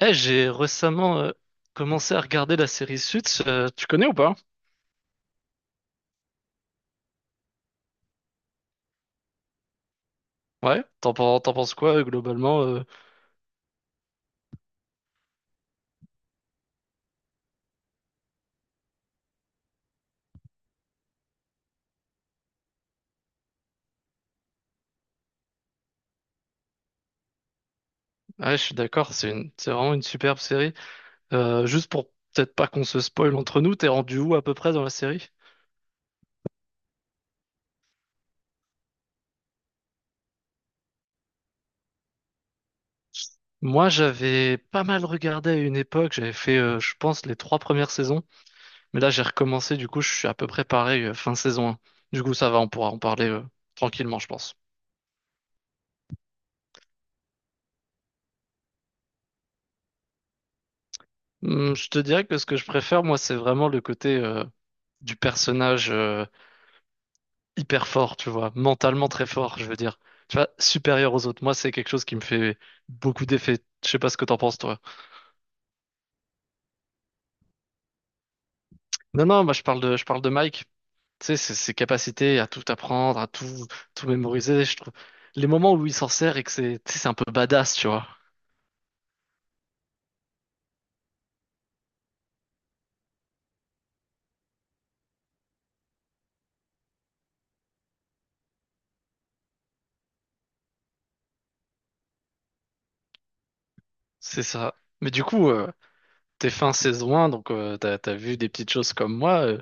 J'ai récemment commencé à regarder la série Suits. Tu connais ou pas? Ouais, t'en penses quoi globalement? Ouais, je suis d'accord, c'est vraiment une superbe série. Juste pour peut-être pas qu'on se spoil entre nous, t'es rendu où à peu près dans la série? Moi, j'avais pas mal regardé à une époque, j'avais fait, je pense, les trois premières saisons. Mais là, j'ai recommencé, du coup, je suis à peu près pareil, fin saison 1. Du coup, ça va, on pourra en parler tranquillement, je pense. Je te dirais que ce que je préfère, moi, c'est vraiment le côté du personnage. Hyper fort, tu vois, mentalement très fort, je veux dire. Tu vois, supérieur aux autres. Moi, c'est quelque chose qui me fait beaucoup d'effet. Je sais pas ce que t'en penses, toi. Non, non, moi, je parle de Mike. Tu sais, ses capacités à tout apprendre, tout mémoriser, je trouve. Les moments où il s'en sert et que c'est, tu sais, c'est un peu badass, tu vois. C'est ça. Mais du coup, t'es fin saison 1, donc t'as vu des petites choses comme moi.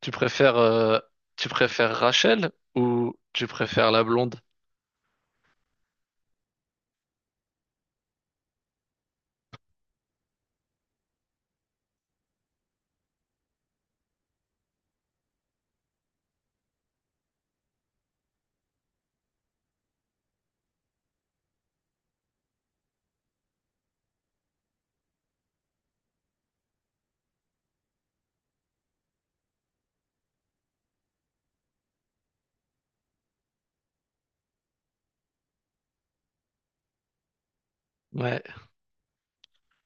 tu préfères, euh, tu préfères Rachel ou tu préfères la blonde? Ouais.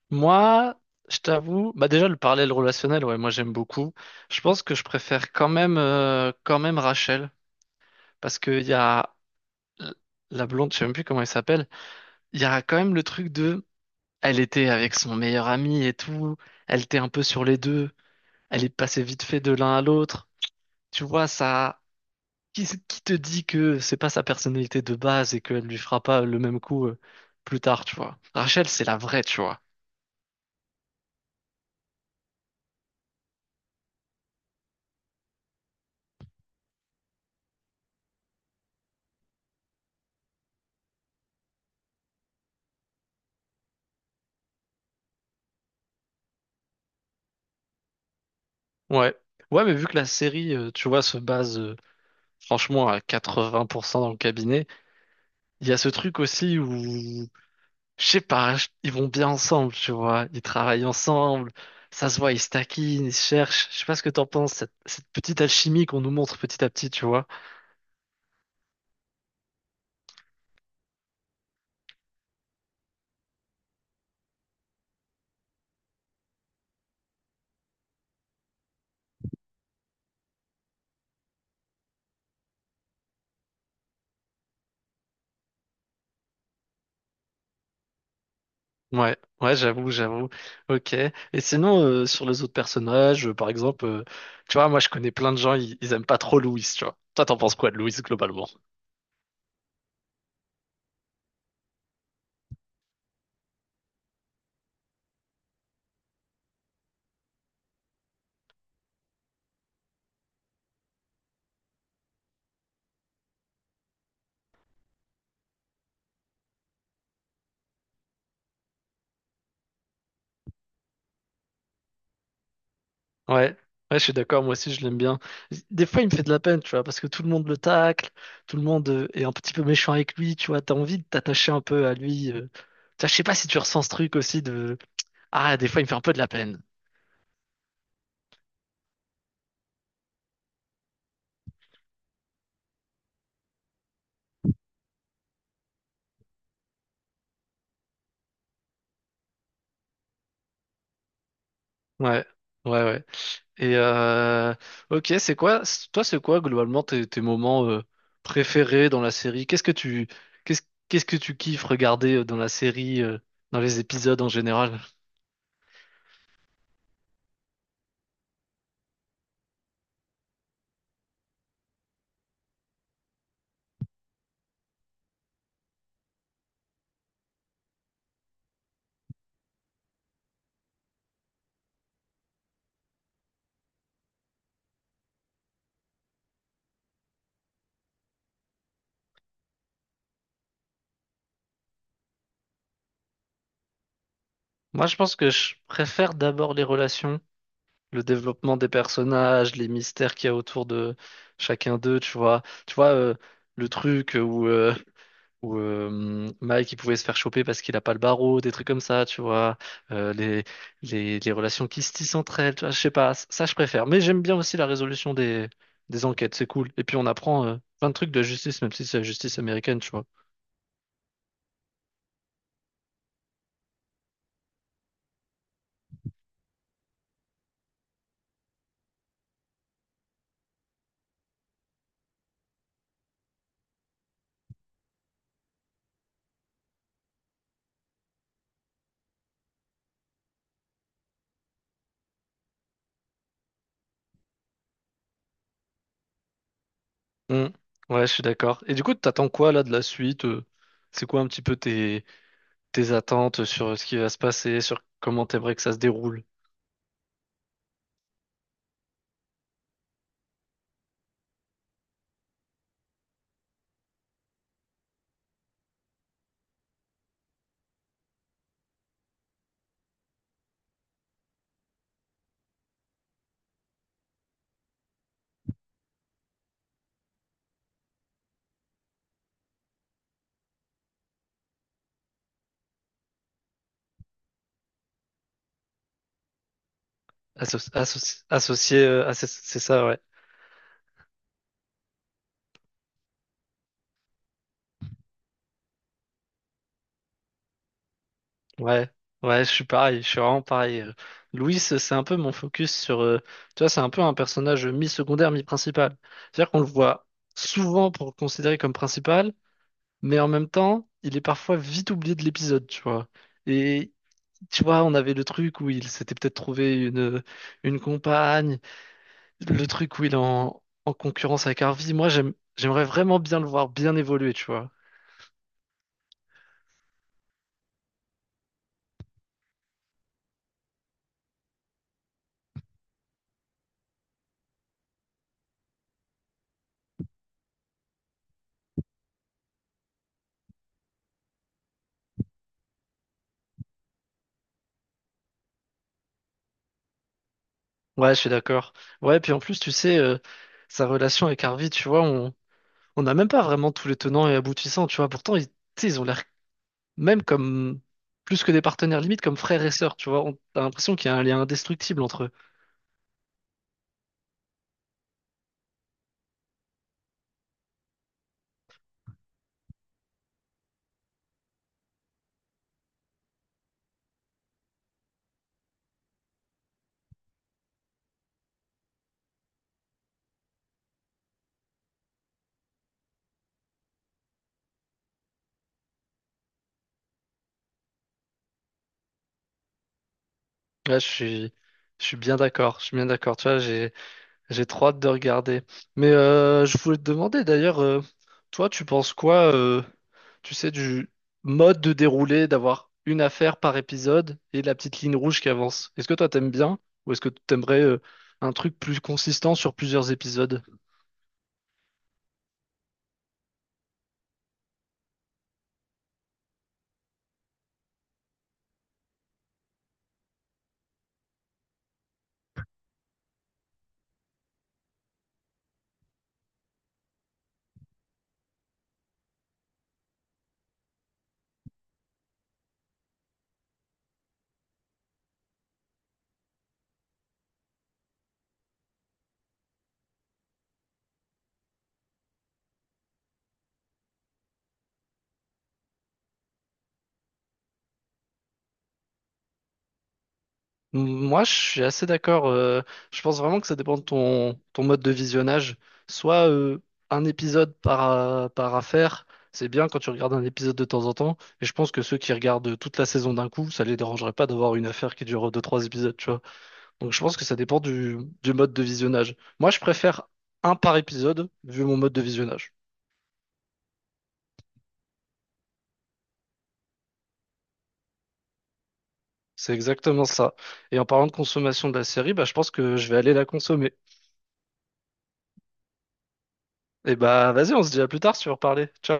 Moi, je t'avoue, bah déjà le parallèle relationnel, ouais, moi j'aime beaucoup. Je pense que je préfère quand même, quand même Rachel, parce qu'il y a l- la blonde, je sais même plus comment elle s'appelle. Il y a quand même le truc de, elle était avec son meilleur ami et tout, elle était un peu sur les deux, elle est passée vite fait de l'un à l'autre. Tu vois, qui te dit que c'est pas sa personnalité de base et qu'elle lui fera pas le même coup, plus tard, tu vois. Rachel, c'est la vraie, tu vois. Ouais. Ouais, mais vu que la série, tu vois, se base franchement, à 80% dans le cabinet. Il y a ce truc aussi où, je sais pas, ils vont bien ensemble, tu vois. Ils travaillent ensemble. Ça se voit, ils se taquinent, ils se cherchent. Je sais pas ce que t'en penses, cette petite alchimie qu'on nous montre petit à petit, tu vois. Ouais, ouais, j'avoue, j'avoue. Ok. Et sinon, sur les autres personnages, par exemple, tu vois, moi je connais plein de gens, ils aiment pas trop Louis, tu vois. Toi, t'en penses quoi de Louis globalement? Ouais, ouais, je suis d'accord, moi aussi je l'aime bien. Des fois il me fait de la peine, tu vois, parce que tout le monde le tacle, tout le monde est un petit peu méchant avec lui, tu vois, t'as envie de t'attacher un peu à lui. Tu vois, je sais pas si tu ressens ce truc aussi de... Ah, des fois il me fait un peu de la peine. Ouais, ouais, ouais. Et Ok, toi c'est quoi globalement tes moments préférés dans la série? Qu'est-ce que tu... Qu'est-ce, qu'est-ce que tu kiffes regarder dans la série, dans les épisodes en général? Moi, je pense que je préfère d'abord les relations le développement des personnages, les mystères qu'il y a autour de chacun d'eux, tu vois. Tu vois, le truc où, euh, où Mike il pouvait se faire choper parce qu'il a pas le barreau, des trucs comme ça, tu vois. Euh, les, les relations qui se tissent entre elles, tu vois, je sais pas, ça je préfère. Mais j'aime bien aussi la résolution des enquêtes, c'est cool. Et puis on apprend plein de trucs de la justice, même si c'est la justice américaine, tu vois. Hmm. Ouais, je suis d'accord. Et du coup, t'attends quoi là de la suite? C'est quoi un petit peu tes attentes sur ce qui va se passer, sur comment t'aimerais que ça se déroule. Associé, c'est ça, ouais. Ouais, ouais, je suis pareil, je suis vraiment pareil. Louis, c'est un peu mon focus sur... tu vois, c'est un peu un personnage mi-secondaire, mi-principal. C'est-à-dire qu'on le voit souvent pour le considérer comme principal, mais en même temps, il est parfois vite oublié de l'épisode, tu vois. Et... Tu vois, on avait le truc où il s'était peut-être trouvé une compagne, le truc où il est en concurrence avec Harvey, j'aimerais vraiment bien le voir bien évoluer, tu vois. Ouais, je suis d'accord. Ouais, puis en plus, tu sais, sa relation avec Harvey, tu vois, on n'a même pas vraiment tous les tenants et aboutissants, tu vois. Pourtant, tu sais, ils ont l'air même comme plus que des partenaires limite, comme frères et sœurs, tu vois. On a l'impression qu'il y a un lien indestructible entre eux. Ouais, je suis bien d'accord, je suis bien d'accord. Tu vois, j'ai trop hâte de regarder. Mais je voulais te demander d'ailleurs, toi, tu penses quoi, tu sais, du mode de déroulé, d'avoir une affaire par épisode et la petite ligne rouge qui avance. Est-ce que toi, t'aimes bien ou est-ce que tu aimerais un truc plus consistant sur plusieurs épisodes? Moi, je suis assez d'accord. Je pense vraiment que ça dépend de ton mode de visionnage. Soit un épisode par par affaire, c'est bien quand tu regardes un épisode de temps en temps. Et je pense que ceux qui regardent toute la saison d'un coup, ça les dérangerait pas d'avoir une affaire qui dure deux, trois épisodes, tu vois. Donc je pense que ça dépend du mode de visionnage. Moi, je préfère un par épisode vu mon mode de visionnage. C'est exactement ça. Et en parlant de consommation de la série, bah, je pense que je vais aller la consommer. Et bah vas-y, on se dit à plus tard si tu veux reparler. Ciao.